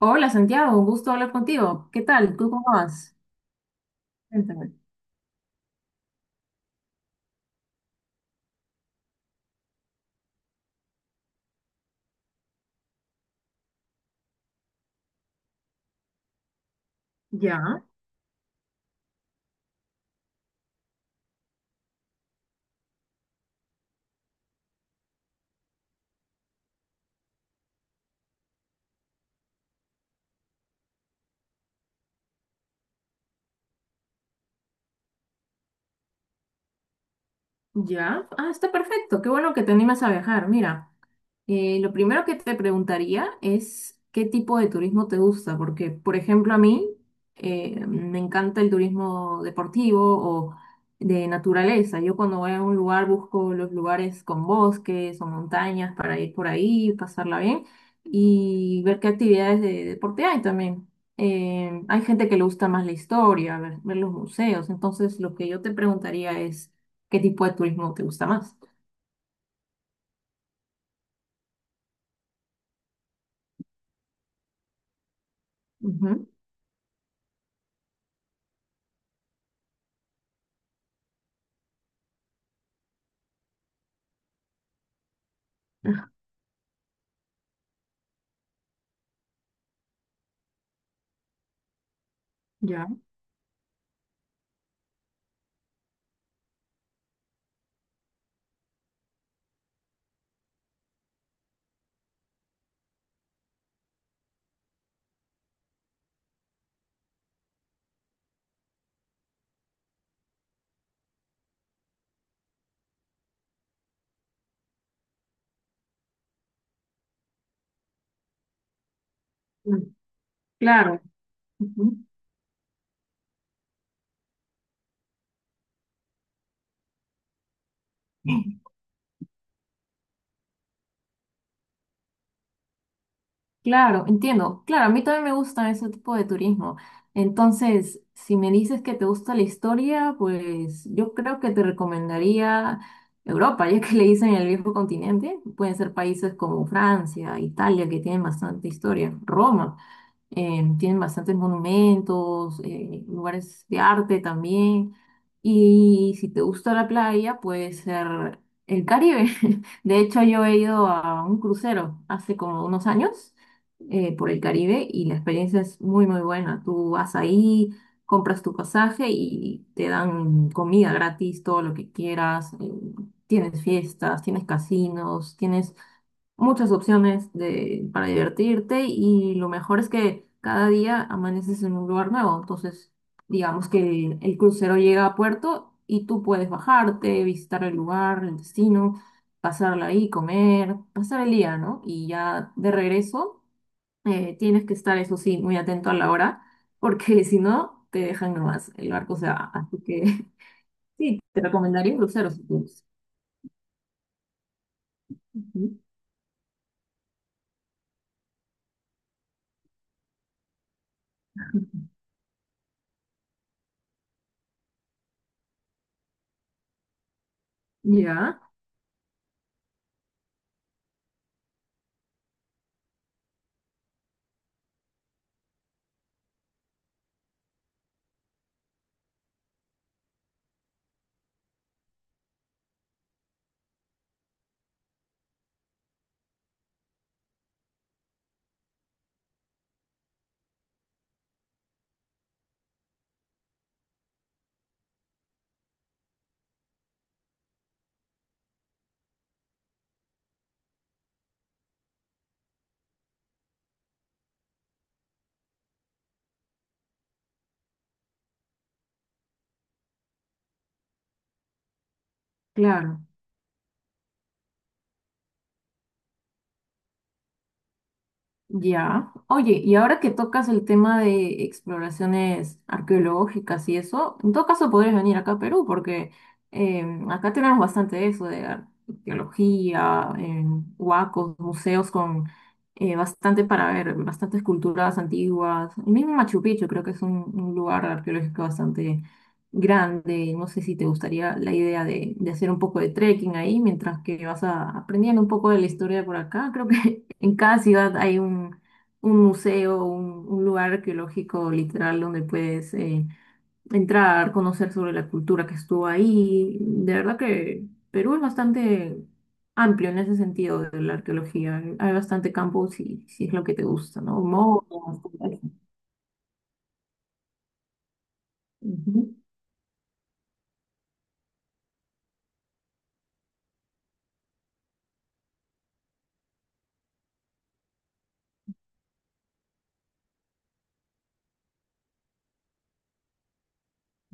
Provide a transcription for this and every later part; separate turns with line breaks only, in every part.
Hola Santiago, un gusto hablar contigo. ¿Qué tal? ¿Tú cómo vas? Cuéntame. Ya, ya. Ah, está perfecto. Qué bueno que te animas a viajar. Mira, lo primero que te preguntaría es qué tipo de turismo te gusta, porque, por ejemplo, a mí me encanta el turismo deportivo o de naturaleza. Yo cuando voy a un lugar busco los lugares con bosques o montañas para ir por ahí, pasarla bien y ver qué actividades de deporte hay también. Hay gente que le gusta más la historia, ver los museos. Entonces, lo que yo te preguntaría es qué tipo de turismo te gusta más. Ujú. Ya. Mm. Claro. Ujú. Claro, entiendo. Claro, a mí también me gustan ese tipo de turismo. Entonces, si me dices que te gusta la historia, pues yo creo que te recomendaría Europa, ya que le dicen el viejo continente. Pueden ser países como Francia, Italia, que tienen bastante historia. Roma, tienen bastantes monumentos, lugares de arte también. Y si te gusta la playa, puede ser el Caribe. De hecho, yo he ido a un crucero hace como unos años por el Caribe y la experiencia es muy, muy buena. Tú vas ahí, compras tu pasaje y te dan comida gratis, todo lo que quieras. Tienes fiestas, tienes casinos, tienes muchas opciones para divertirte y lo mejor es que cada día amaneces en un lugar nuevo. Entonces, digamos que el crucero llega a puerto y tú puedes bajarte, visitar el lugar, el destino, pasarla ahí, comer, pasar el día, ¿no? Y ya de regreso tienes que estar, eso sí, muy atento a la hora, porque si no, te dejan nomás, el barco se va. Así que sí, te recomendaría un crucero si puedes. Ujú. Ya, claro. Ya. Oye, y ahora que tocas el tema de exploraciones arqueológicas y eso, en todo caso podrías venir acá a Perú, porque acá tenemos bastante de eso, de arqueología, huacos, museos con bastante para ver, bastantes culturas antiguas. El mismo Machu Picchu creo que es un lugar arqueológico bastante grande. No sé si te gustaría la idea de hacer un poco de trekking ahí mientras que vas a, aprendiendo un poco de la historia por acá. Creo que en cada ciudad hay un museo, un lugar arqueológico literal donde puedes entrar, conocer sobre la cultura que estuvo ahí. De verdad que Perú es bastante amplio en ese sentido de la arqueología. Hay bastante campo si, si es lo que te gusta, ¿no? Monos, todo eso. Ujú.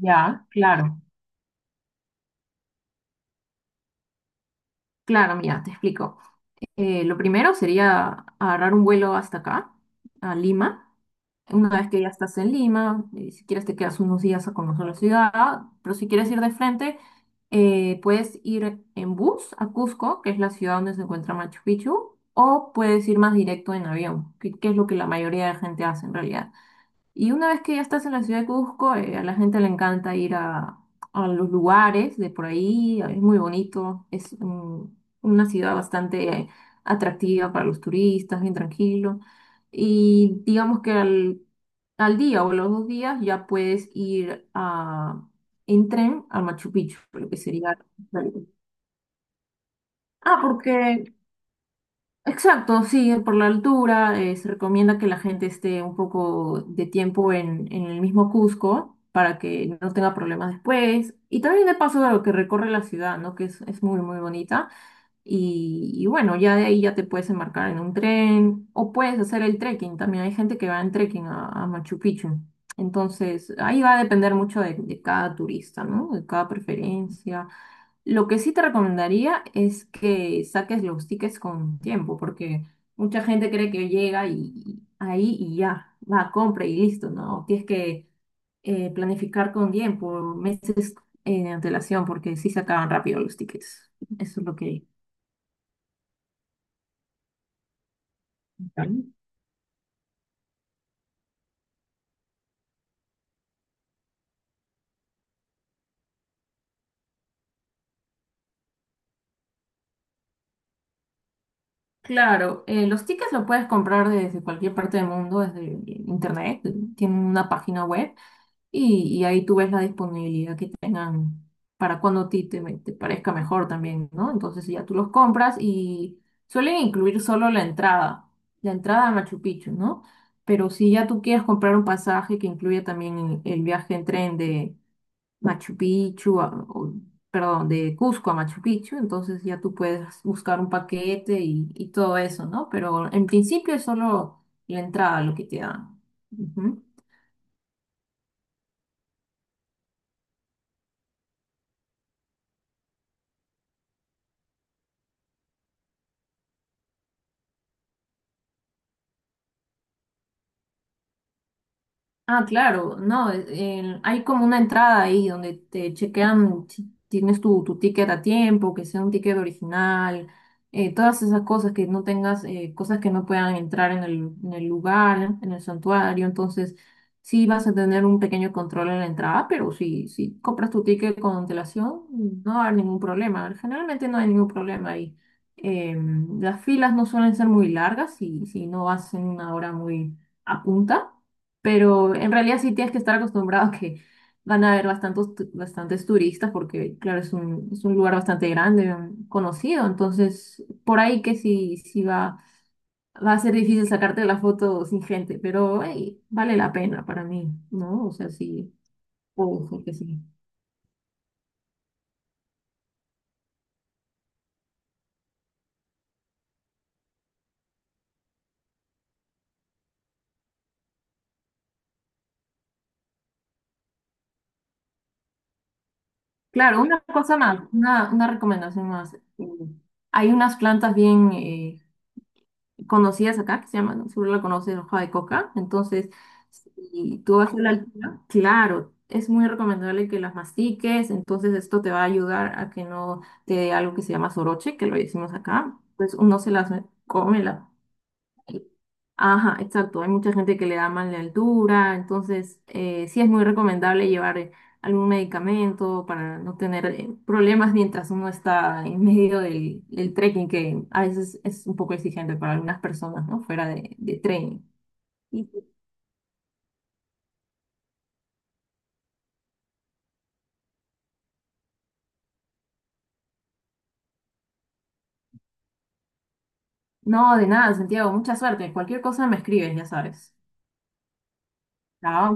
Ya, claro. Claro, mira, te explico. Lo primero sería agarrar un vuelo hasta acá, a Lima. Una vez que ya estás en Lima, si quieres te quedas unos días a conocer la ciudad, pero si quieres ir de frente, puedes ir en bus a Cusco, que es la ciudad donde se encuentra Machu Picchu, o puedes ir más directo en avión, que es lo que la mayoría de gente hace en realidad. Y una vez que ya estás en la ciudad de Cusco, a la gente le encanta ir a los lugares de por ahí, es muy bonito, es mm, una ciudad bastante atractiva para los turistas, bien tranquilo. Y digamos que al, al día o los dos días ya puedes ir a, en tren a Machu Picchu, lo que sería... Ah, porque exacto, sí, por la altura, se recomienda que la gente esté un poco de tiempo en el mismo Cusco para que no tenga problemas después. Y también de paso a lo que recorre la ciudad, ¿no? Que es muy, muy bonita. Y bueno, ya de ahí ya te puedes embarcar en un tren o puedes hacer el trekking. También hay gente que va en trekking a Machu Picchu. Entonces, ahí va a depender mucho de cada turista, ¿no? De cada preferencia. Lo que sí te recomendaría es que saques los tickets con tiempo, porque mucha gente cree que llega y ahí y ya, va, compra y listo, ¿no? Tienes que planificar con tiempo, meses en antelación, porque sí se acaban rápido los tickets. Eso es lo que... Ujú. Claro, los tickets los puedes comprar desde cualquier parte del mundo, desde internet, tienen una página web. Y ahí tú ves la disponibilidad que tengan para cuando a ti te parezca mejor también, ¿no? Entonces ya tú los compras y suelen incluir solo la entrada a Machu Picchu, ¿no? Pero si ya tú quieres comprar un pasaje que incluya también el viaje en tren de Machu Picchu, a- o- perdón, de Cusco a Machu Picchu, entonces ya tú puedes buscar un paquete y todo eso, ¿no? Pero en principio es solo la entrada lo que te dan. Ah, claro, no, hay como una entrada ahí donde te chequean si tienes tu ticket a tiempo, que sea un ticket original, todas esas cosas que no tengas, cosas que no puedan entrar en el lugar, en el santuario, entonces sí vas a tener un pequeño control en la entrada, pero si, si compras tu ticket con antelación, no va a haber ningún problema, generalmente no hay ningún problema ahí. Las filas no suelen ser muy largas si, si no vas en una hora muy a punta. Pero en realidad sí tienes que estar acostumbrado a que van a haber bastantes turistas porque, claro, es es un lugar bastante grande, conocido. Entonces, por ahí que sí, sí va, va a ser difícil sacarte la foto sin gente, pero hey, vale la pena para mí, ¿no? O sea, sí, ojo que sí. Claro, una cosa más, una recomendación más. Hay unas plantas bien, conocidas acá, que se llaman, seguro la conoces, hoja de coca. Entonces, si tú vas a la altura, claro, es muy recomendable que las mastiques. Entonces, esto te va a ayudar a que no te dé algo que se llama soroche, que lo decimos acá. Pues uno se las come, la, ajá, exacto. Hay mucha gente que le da mal de altura, entonces sí es muy recomendable llevar algún medicamento para no tener problemas mientras uno está en medio del, del trekking, que a veces es un poco exigente para algunas personas, ¿no? Fuera de trekking. Y- no, de nada, Santiago. Mucha suerte. Cualquier cosa me escribes, ya sabes. Chao.